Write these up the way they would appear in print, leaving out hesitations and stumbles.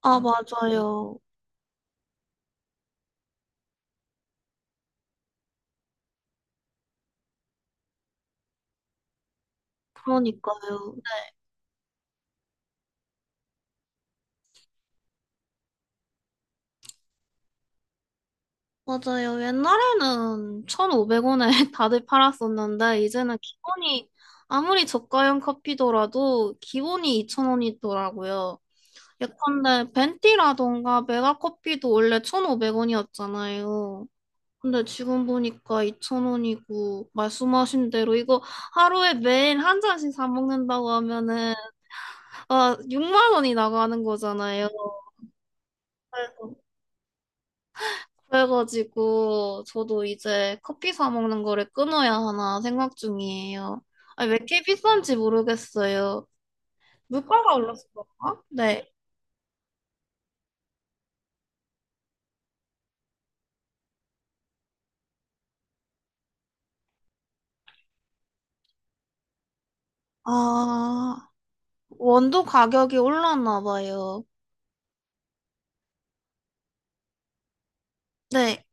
아, 맞아요. 그러니까요. 네. 맞아요. 옛날에는 1,500원에 다들 팔았었는데, 이제는 기본이, 아무리 저가형 커피더라도 기본이 2,000원이더라고요. 예컨대 벤티라던가 메가커피도 원래 1,500원이었잖아요. 근데 지금 보니까 2,000원이고, 말씀하신 대로 이거 하루에 매일 한 잔씩 사 먹는다고 하면은, 아, 6만 원이 나가는 거잖아요. 그래가지고 저도 이제 커피 사 먹는 거를 끊어야 하나 생각 중이에요. 아니, 왜 이렇게 비싼지 모르겠어요. 물가가 올랐을 건가? 네. 아, 원두 가격이 올랐나 봐요. 네.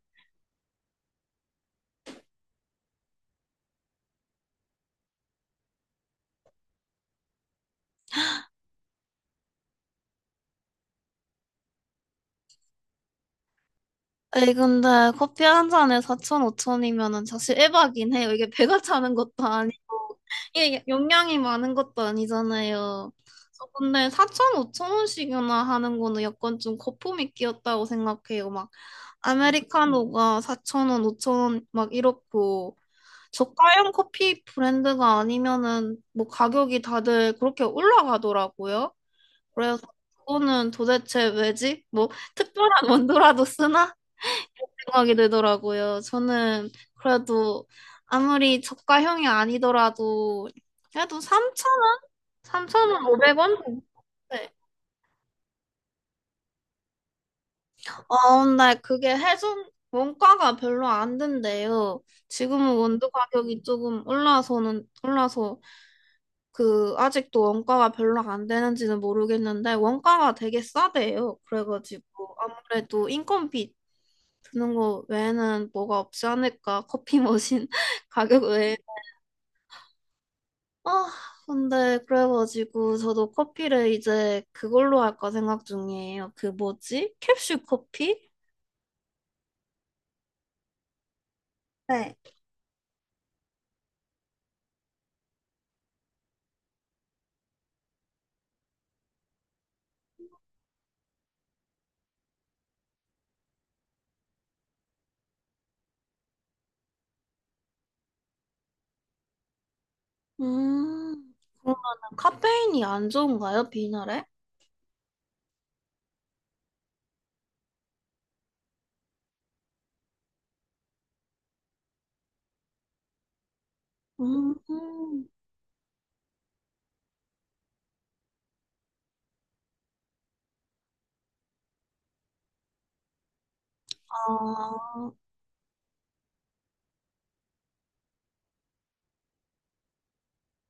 아니, 근데 커피 한 잔에 4천, 5천이면은 사실 에바긴 해요. 이게 배가 차는 것도 아니고, 이게 용량이 많은 것도 아니잖아요. 저 근데 4천, 5천 원씩이나 하는 거는 약간 좀 거품이 끼었다고 생각해요. 막 아메리카노가 4,000원, 5,000원 막 이렇고 저가형 커피 브랜드가 아니면은 뭐 가격이 다들 그렇게 올라가더라고요. 그래서 그거는 도대체 왜지? 뭐 특별한 원두라도 쓰나? 생각이 들더라고요. 저는 그래도 아무리 저가형이 아니더라도 그래도 3,000원? 3,500원? 아, 근데 그게 해손 원가가 별로 안 된대요. 지금은 원두 가격이 조금 올라서, 그, 아직도 원가가 별로 안 되는지는 모르겠는데, 원가가 되게 싸대요. 그래가지고, 아무래도 인건비 드는 거 외에는 뭐가 없지 않을까. 커피 머신 가격 외에. 아, 근데 그래가지고, 저도 커피를 이제 그걸로 할까 생각 중이에요. 그 뭐지? 캡슐 커피? 네. 음, 그러면 카페인이 안 좋은가요, 비나래? 음, 아,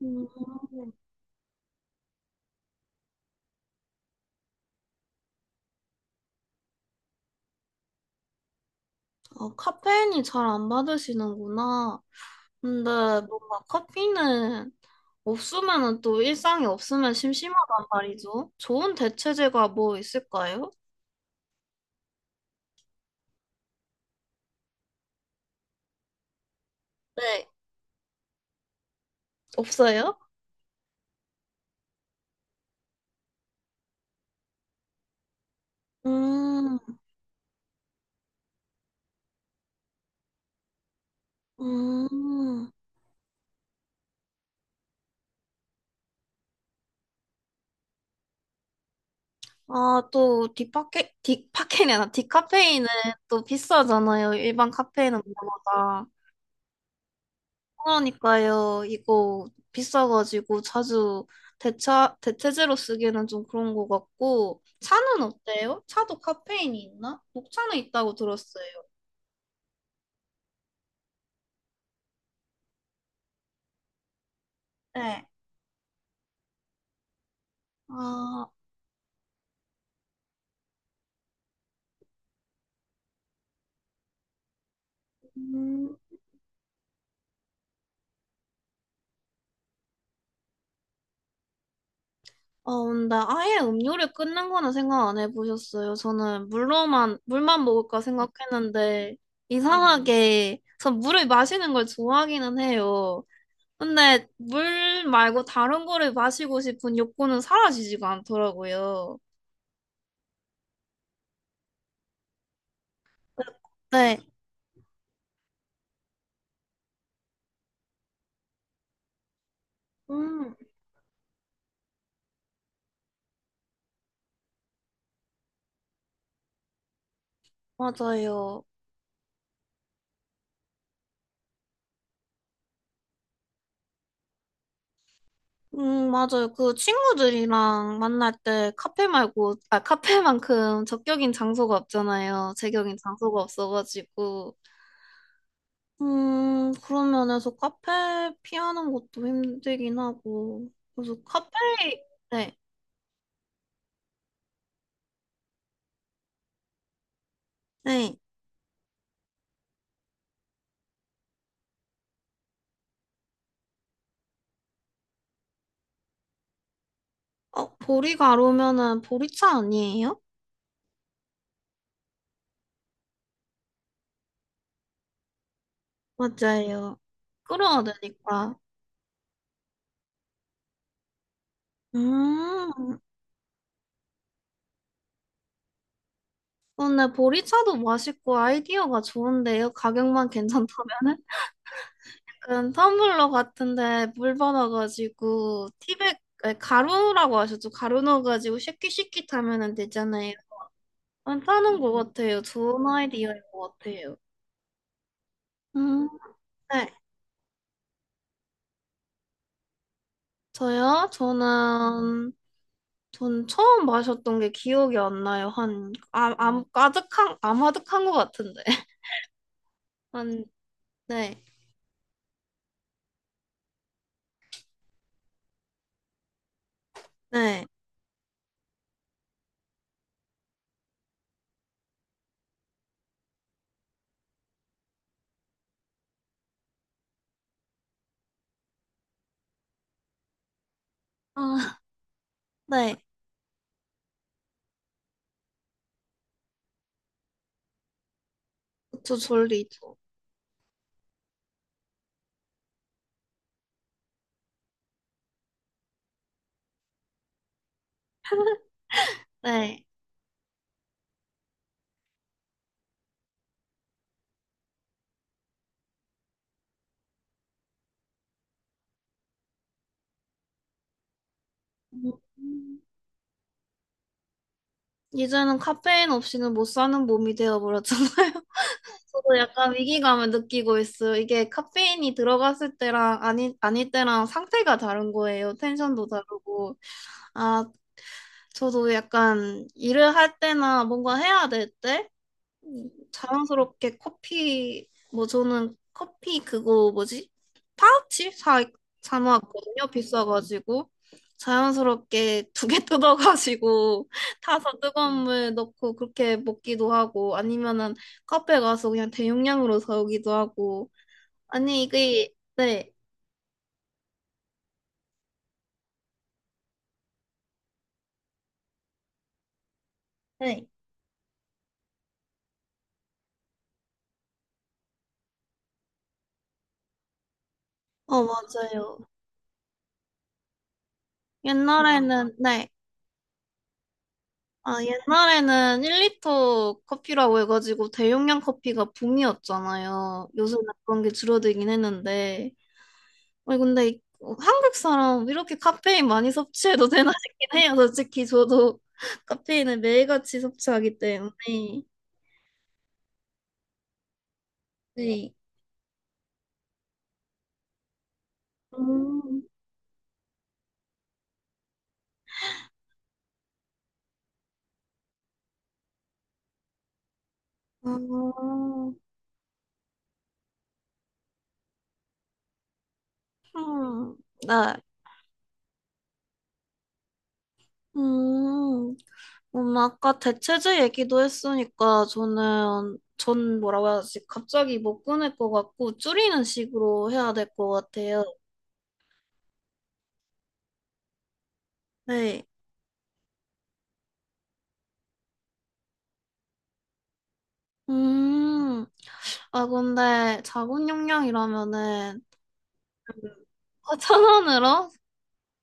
음, 카페인이 잘 안 받으시는구나. 근데 뭔가 커피는 없으면은 또 일상이 없으면 심심하단 말이죠. 좋은 대체제가 뭐 있을까요? 네, 없어요? 음, 음. 아, 또 디파케, 디파케이 아니라 디카페인은 또 비싸잖아요. 일반 카페인은 보다. 그러니까요. 이거 비싸가지고 자주 대체제로 쓰기에는 좀 그런 것 같고. 차는 어때요? 차도 카페인이 있나? 녹차는 있다고 들었어요. 네. 아, 음, 데 아예 음료를 끊는 거는 생각 안 해보셨어요? 저는 물로만, 물만 먹을까 생각했는데, 이상하게, 전 물을 마시는 걸 좋아하기는 해요. 근데 물 말고 다른 거를 마시고 싶은 욕구는 사라지지가 않더라고요. 네, 음, 맞아요. 맞아요. 그 친구들이랑 만날 때 카페 말고, 아, 카페만큼 적격인 장소가 없잖아요. 제격인 장소가 없어가지고. 그런 면에서 카페 피하는 것도 힘들긴 하고. 그래서 카페, 네, 네. 보리 가루면은 보리차 아니에요? 맞아요. 끓여야 되니까. 음, 근데 보리차도 맛있고 아이디어가 좋은데요. 가격만 괜찮다면은? 약간 텀블러 같은데 물 받아가지고 티백 아니, 가루라고 하셨죠? 가루 넣어가지고 쉐킷쉐킷 하면은 되잖아요. 괜찮은 것 같아요. 좋은 아이디어인 것 같아요. 음, 네. 저요? 저는 전 처음 마셨던 게 기억이 안 나요. 한 아, 아, 아득한 아마득한 것 같은데. 한 네, 네, 아, 네, 그쵸, 졸리죠. 네. 음, 이제는 카페인 없이는 못 사는 몸이 되어버렸잖아요. 저도 약간 위기감을 느끼고 있어요. 이게 카페인이 들어갔을 때랑 아니, 아닐 때랑 상태가 다른 거예요. 텐션도 다르고. 아, 저도 약간 일을 할 때나 뭔가 해야 될 때? 자랑스럽게 커피 뭐 저는 커피 그거 뭐지? 파우치 사 사놓았거든요. 비싸가지고 자연스럽게 두 개 뜯어가지고 타서 뜨거운 물 넣고 그렇게 먹기도 하고 아니면은 카페 가서 그냥 대용량으로 사오기도 하고 아니 이게 네. 네. 맞아요. 옛날에는 네. 아, 옛날에는 1리터 커피라고 해가지고 대용량 커피가 붐이었잖아요. 요즘은 그런 게 줄어들긴 했는데. 아니, 근데 한국 사람 이렇게 카페인 많이 섭취해도 되나 싶긴 해요. 솔직히 저도 카페인을 매일같이 섭취하기 때문에. 네. 음, 아, 음, 나, 음, 아까 대체제 얘기도 했으니까 저는 전 뭐라고 해야지 갑자기 못 끊을 것 같고 줄이는 식으로 해야 될 것 같아요. 네. 음. 아 근데 자본 용량이라면은 아, 1,000원으로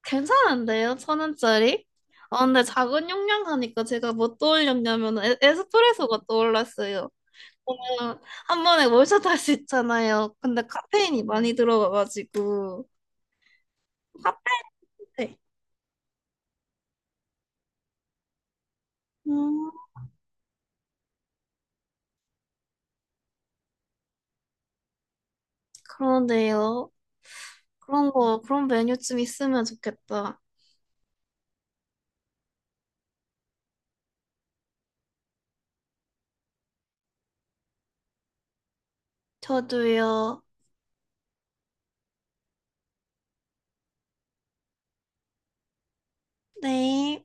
괜찮은데요? 1,000원짜리? 아 근데 작은 용량 하니까 제가 뭐 떠올렸냐면 에스프레소가 떠올랐어요. 그냥 한 번에 몰샷 할 수 있잖아요. 근데 카페인이 많이 들어가가지고 카페인. 네. 음. 그런데요. 그런 거, 그런 메뉴 좀 있으면 좋겠다. 저도요. 네.